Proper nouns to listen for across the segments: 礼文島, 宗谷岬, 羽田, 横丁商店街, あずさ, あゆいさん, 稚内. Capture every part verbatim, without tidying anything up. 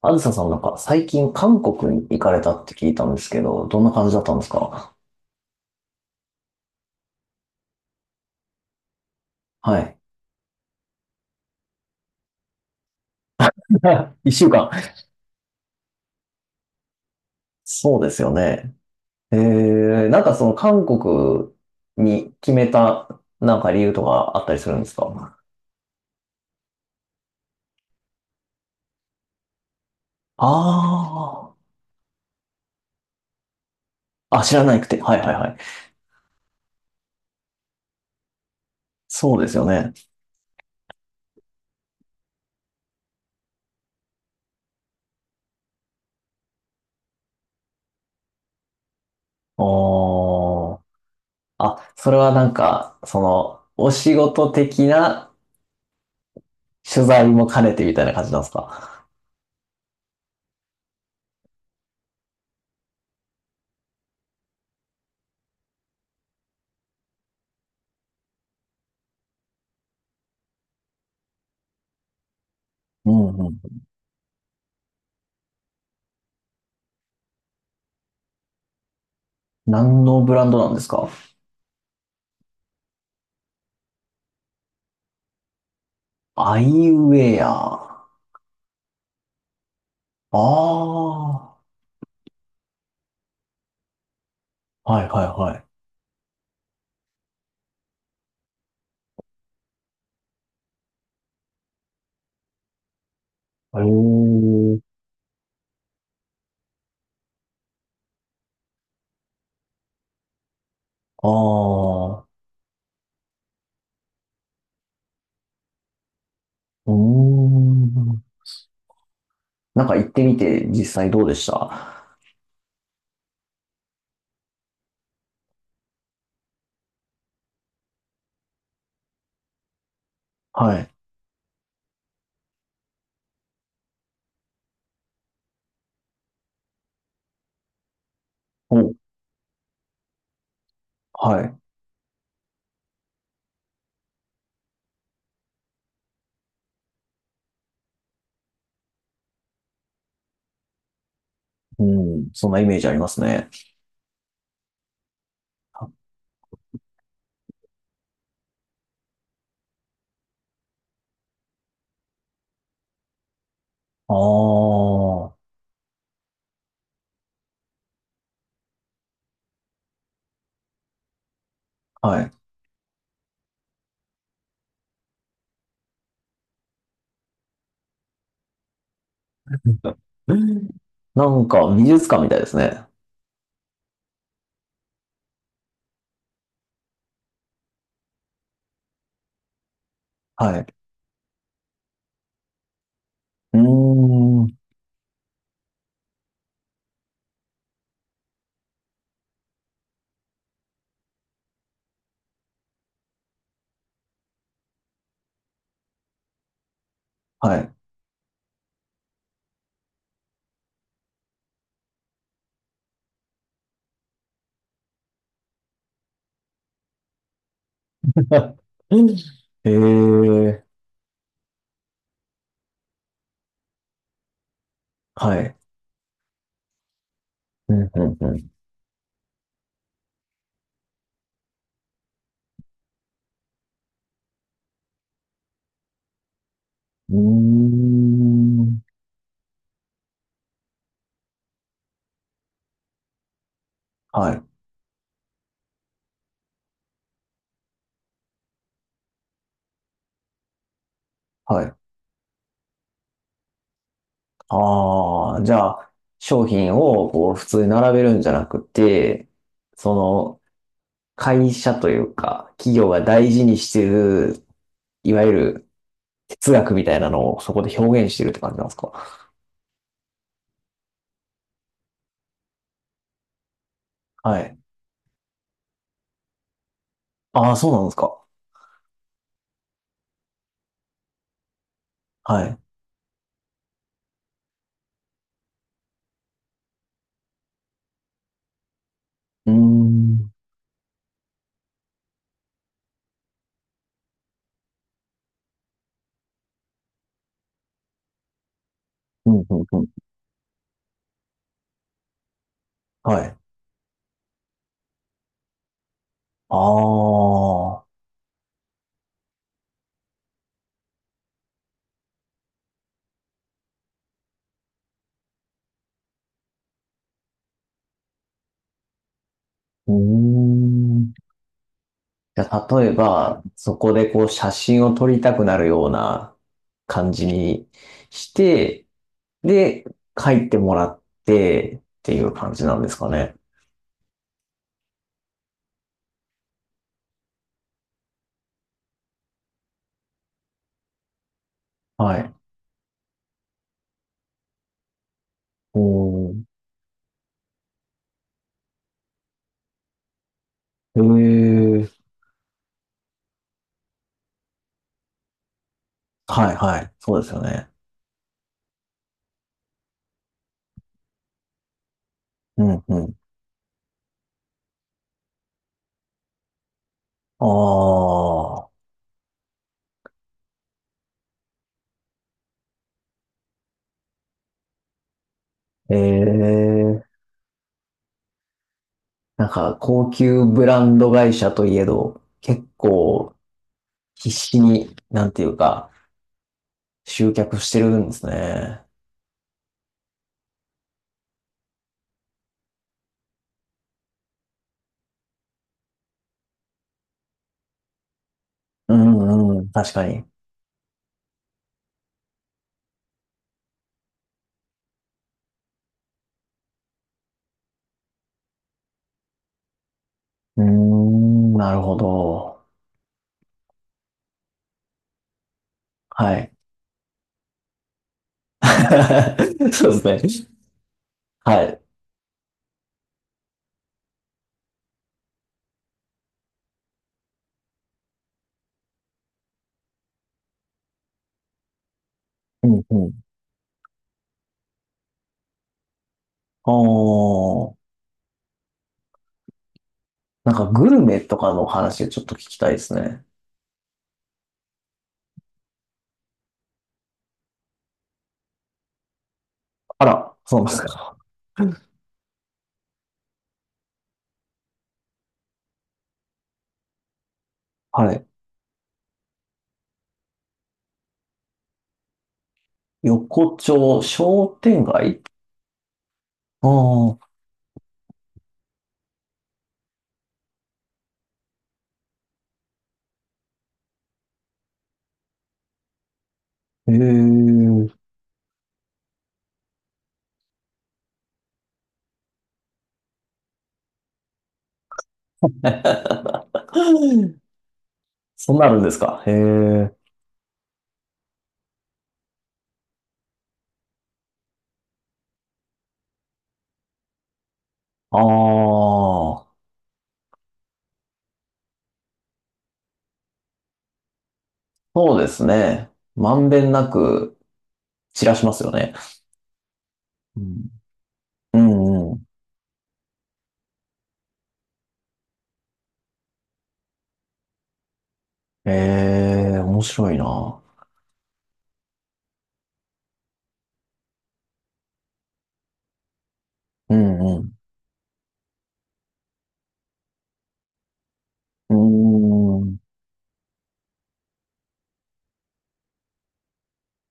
あずささんなんか最近韓国に行かれたって聞いたんですけど、どんな感じだったんですか？はい。一週間。そうですよね。えー、なんかその韓国に決めたなんか理由とかあったりするんですか？ああー、あ、知らなくて。はいはいはい。そうですよね。あー。あ、それはなんか、その、お仕事的な取材も兼ねてみたいな感じなんですか。うんうん。何のブランドなんですか？アイウェア。ああ。はいはいはい。ええ。ああ。うーん。なんか行ってみて実際どうでした？はい。お、はい。うん。そんなイメージありますね。ああ。はい。うん、なんか美術館みたいですね。はい。うーん。はい。ええ、はい。うん、うん、うん。うーん。はい、はい。ああ、じゃあ、商品をこう普通に並べるんじゃなくて、その、会社というか、企業が大事にしてる、いわゆる哲学みたいなのをそこで表現してるって感じなんですか？はい。ああ、そうなんですか。はい。うーん。うんうんうん。はい。ああ。うーん。じゃあ、例えば、そこでこう写真を撮りたくなるような感じにして、で、書いてもらってっていう感じなんですかね。はい。おー。へえ。はいはい。そうですよね。うんうん。ああ。ええ。なんか、高級ブランド会社といえど、結構必死に、なんていうか、集客してるんですね。うんうん、確かに。うーん、なるほど。はい。そうですね。はい。うんうん。おー、なんかグルメとかの話をちょっと聞きたいですね。あら、そうなんですか。はい。横丁商店街？ああー、へえ。そうなあるんですか。へえ。ああ、そうですね。まんべんなく散らしますよね。うんうんうん。ええ、面白いな。うんうん。うーん。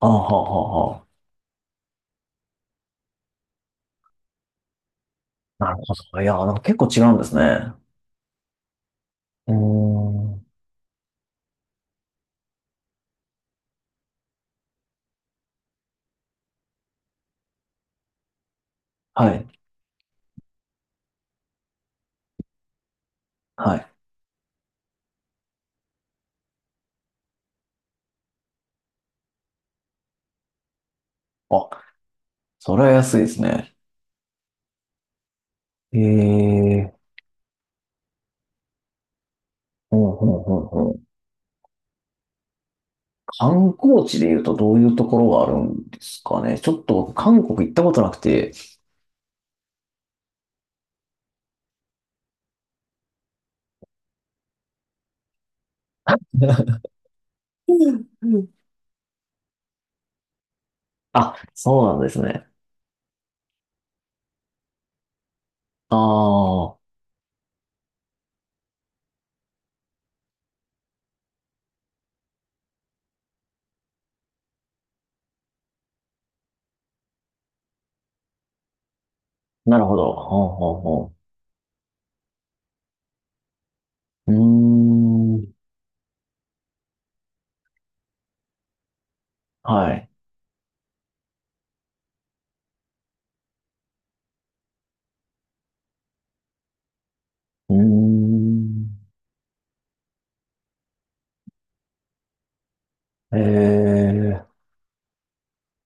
あははは。なるほど。いや、なんか結構違うんですね。うーん。はい。はい。あ、それは安いですね。ええ、ほうほうほうほう。観光地で言うとどういうところがあるんですかね。ちょっと僕韓国行ったことなくて。うんうん あ、そうなんですね。ああ、なるほど。ほうほうほう。うーん。はい。うーん。ええ